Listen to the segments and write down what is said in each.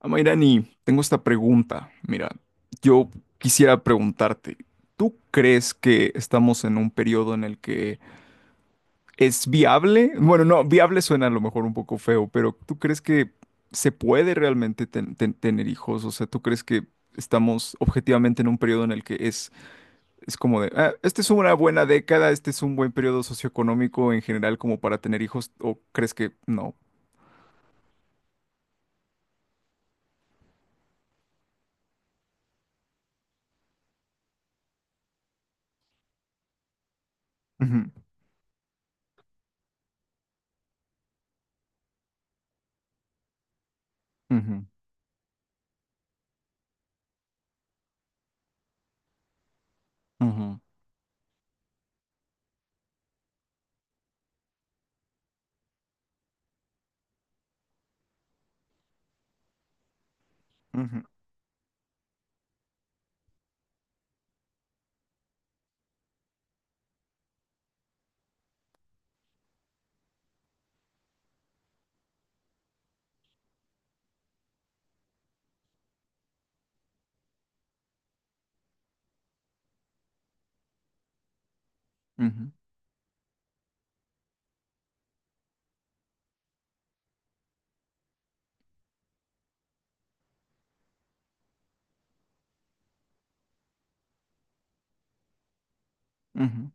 Amairani, tengo esta pregunta. Mira, yo quisiera preguntarte, ¿tú crees que estamos en un periodo en el que es viable? Bueno, no, viable suena a lo mejor un poco feo, pero ¿tú crees que se puede realmente tener hijos? O sea, ¿tú crees que estamos objetivamente en un periodo en el que es como de, "Ah, esta es una buena década, este es un buen periodo socioeconómico en general como para tener hijos"? ¿O crees que no? Ujú, ujú, ujú, ujú, ujú, ujú,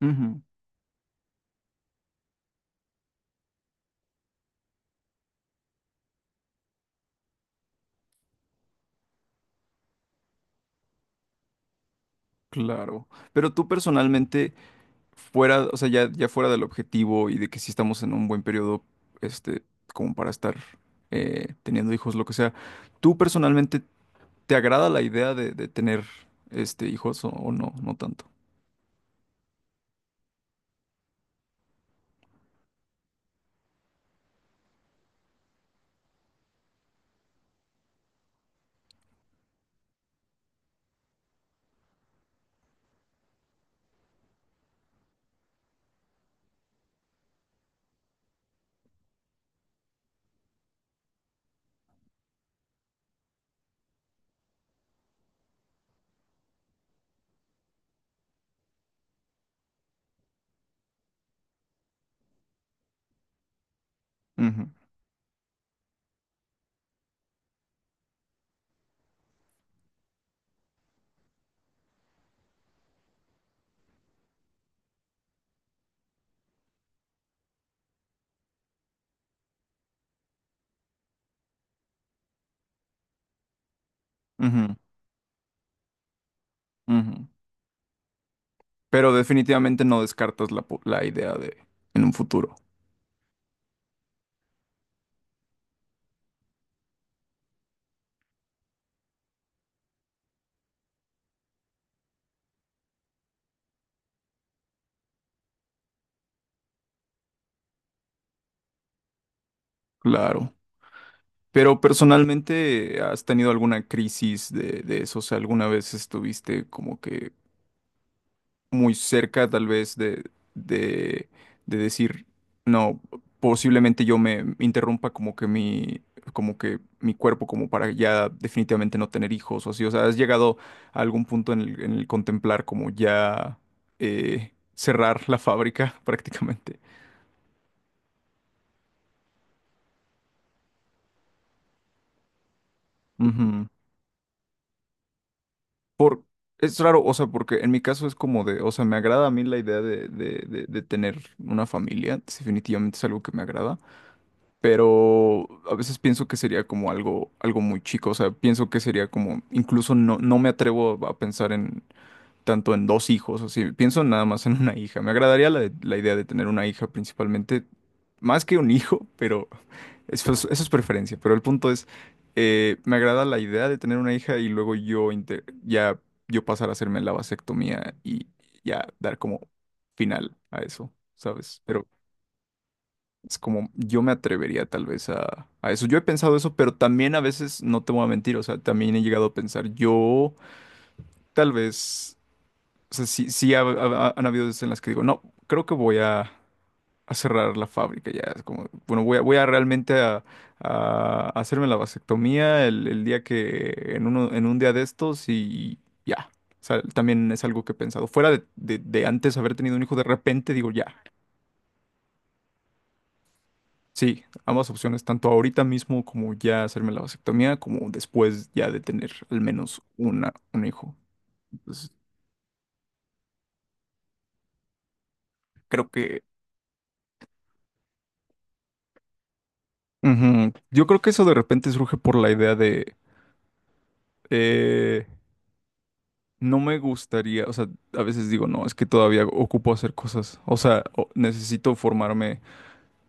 ujú. Claro, pero tú personalmente, fuera, o sea, ya fuera del objetivo y de que sí estamos en un buen periodo, este, como para estar teniendo hijos, lo que sea, ¿tú personalmente te agrada la idea de, tener hijos o no? No tanto. Ujú, ujú, ujú. Pero definitivamente no descartas la idea de en un futuro. Claro. Pero personalmente, ¿has tenido alguna crisis de, eso? O sea, ¿alguna vez estuviste como que muy cerca tal vez de, de decir, no, posiblemente yo me interrumpa como que mi cuerpo como para ya definitivamente no tener hijos o así? O sea, ¿has llegado a algún punto en en el contemplar como ya cerrar la fábrica prácticamente? Ujú. Por, es raro, o sea, porque en mi caso es como de, o sea, me agrada a mí la idea de tener una familia, es definitivamente es algo que me agrada, pero a veces pienso que sería como algo, algo muy chico, o sea, pienso que sería como, incluso no, no me atrevo a pensar en tanto en dos hijos, o sea, pienso nada más en una hija, me agradaría la idea de tener una hija principalmente, más que un hijo, pero... eso es preferencia, pero el punto es, me agrada la idea de tener una hija y luego yo yo pasar a hacerme la vasectomía y ya dar como final a eso, ¿sabes? Pero es como yo me atrevería tal vez a eso. Yo he pensado eso, pero también a veces no te voy a mentir, o sea, también he llegado a pensar, yo tal vez, o sea, sí han habido veces en las que digo, no, creo que voy a cerrar la fábrica ya. Es como, bueno, voy a realmente a hacerme la vasectomía el día que, en uno, en un día de estos y ya. O sea, también es algo que he pensado. Fuera de, de antes haber tenido un hijo, de repente digo ya. Sí, ambas opciones, tanto ahorita mismo como ya hacerme la vasectomía, como después ya de tener al menos una, un hijo. Entonces, creo que... Ujú. Yo creo que eso de repente surge por la idea de... eh, No me gustaría, o sea, a veces digo, no, es que todavía ocupo hacer cosas, o sea, o- necesito formarme,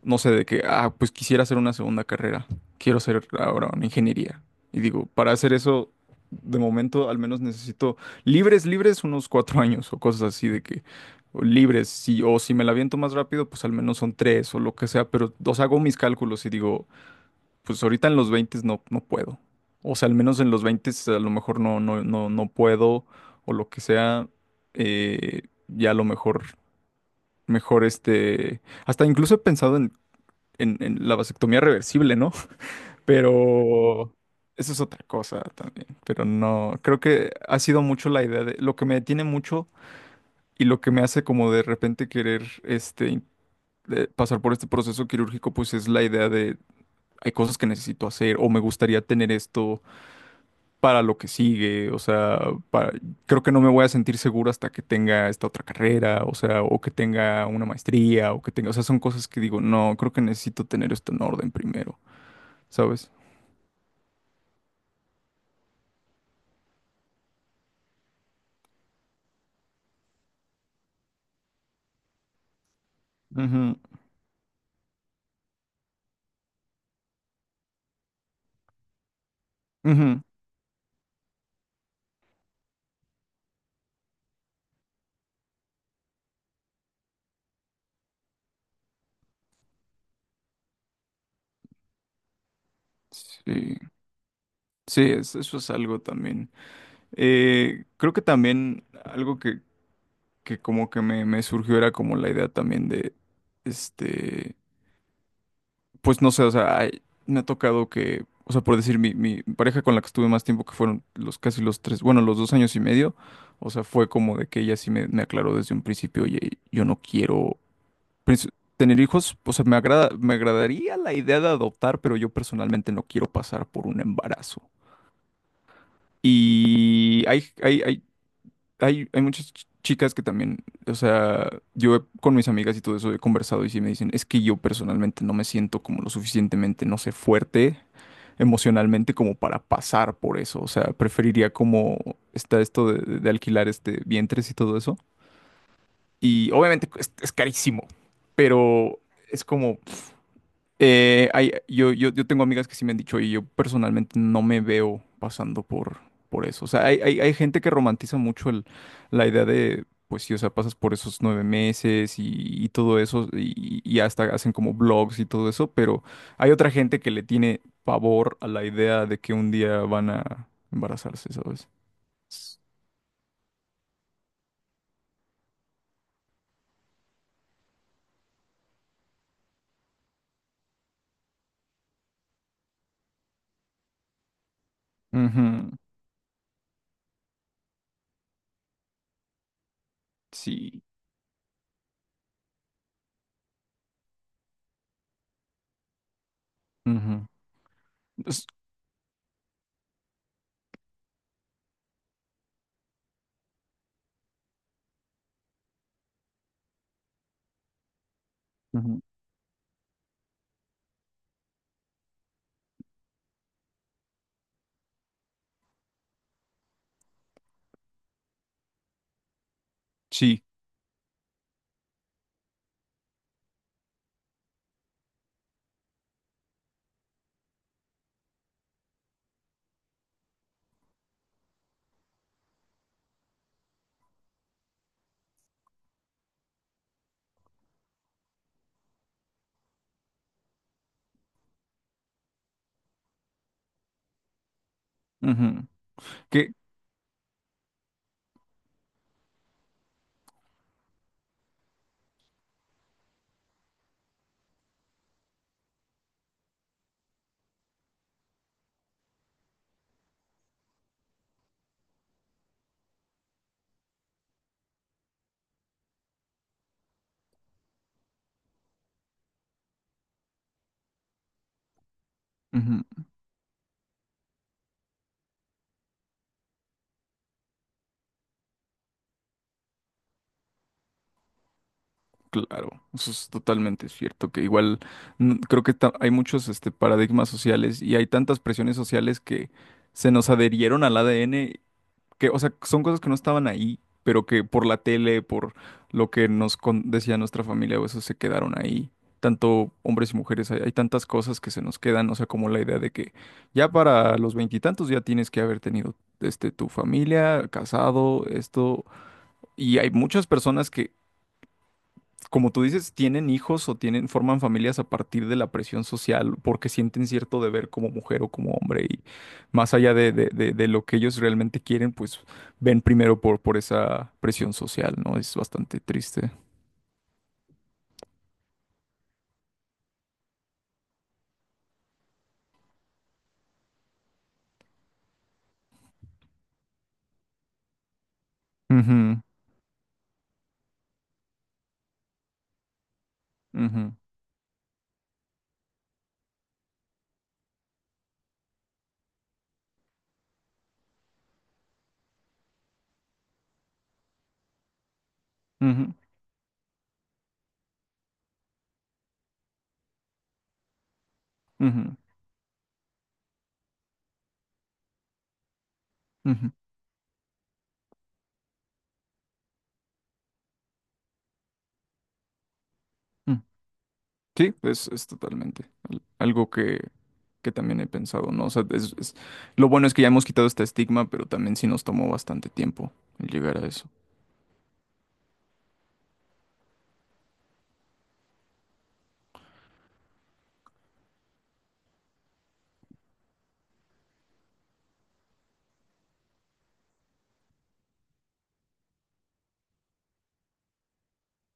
no sé, de que, ah, pues quisiera hacer una segunda carrera, quiero hacer ahora una ingeniería. Y digo, para hacer eso, de momento al menos necesito libres, libres unos cuatro años o cosas así de que, o libres, si, o si me la aviento más rápido, pues al menos son tres o lo que sea, pero, o sea, hago mis cálculos y digo, pues ahorita en los 20 no, no puedo. O sea, al menos en los 20 a lo mejor no puedo o lo que sea. Ya a lo mejor, mejor este... Hasta incluso he pensado en la vasectomía reversible, ¿no? Pero eso es otra cosa también. Pero no, creo que ha sido mucho la idea de... Lo que me detiene mucho y lo que me hace como de repente querer este... in- de pasar por este proceso quirúrgico, pues es la idea de hay cosas que necesito hacer o me gustaría tener esto para lo que sigue, o sea, para- creo que no me voy a sentir seguro hasta que tenga esta otra carrera, o sea, o que tenga una maestría, o que tenga, o sea, son cosas que digo, no, creo que necesito tener esto en orden primero, ¿sabes? Ujú, ujú. Sí, sí, es- eso es algo también. Creo que también algo que como que me surgió era como la idea también de, este... Pues no sé, o sea, ay, me ha tocado que, o sea, por decir, mi pareja con la que estuve más tiempo, que fueron los casi los tres, bueno, los dos años y medio, o sea, fue como de que ella sí me aclaró desde un principio, oye, yo no quiero pues, tener hijos, o sea, me agrada, me agradaría la idea de adoptar, pero yo personalmente no quiero pasar por un embarazo. Y hay muchas ch- chicas que también, o sea, yo he- con mis amigas y todo eso he conversado y sí me dicen, es que yo personalmente no me siento como lo suficientemente, no sé, fuerte emocionalmente como para pasar por eso. O sea, preferiría como está esto de alquilar este vientres y todo eso. Y obviamente es carísimo, pero es como, hay- yo tengo amigas que sí me han dicho, y yo personalmente no me veo pasando por eso. O sea, hay gente que romantiza mucho el, la idea de, pues sí, o sea, pasas por esos nueve meses y todo eso, y hasta hacen como blogs y todo eso, pero hay otra gente que le tiene pavor a la idea de que un día van a embarazarse, ¿sabes? Ujú. Sí. Ujú. Es- ujú. Sí. Ujú. Que, ujú. Claro, eso es totalmente cierto, que igual creo que ta- hay muchos este, paradigmas sociales y hay tantas presiones sociales que se nos adherieron al ADN, que, o sea, son cosas que no estaban ahí, pero que por la tele, por lo que nos con- decía nuestra familia, o eso se quedaron ahí. Tanto hombres y mujeres, hay tantas cosas que se nos quedan, o sea, como la idea de que ya para los veintitantos ya tienes que haber tenido este, tu familia, casado, esto, y hay muchas personas que como tú dices, tienen hijos o tienen, forman familias a partir de la presión social porque sienten cierto deber como mujer o como hombre y más allá de lo que ellos realmente quieren, pues ven primero por esa presión social, ¿no? Es bastante triste. Ujú, ujú, ujú, ujú, ujú, ujú. Sí, es totalmente al- algo que también he pensado, ¿no? O sea, es- lo bueno es que ya hemos quitado este estigma, pero también sí nos tomó bastante tiempo el llegar a eso.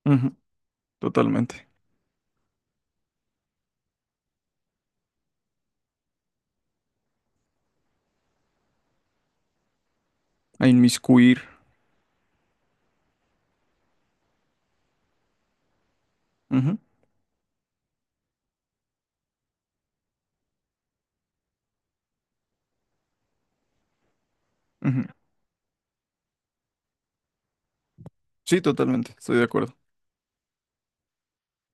Ujú, totalmente. A inmiscuir. Ujú, ujú. Sí, totalmente, estoy de acuerdo.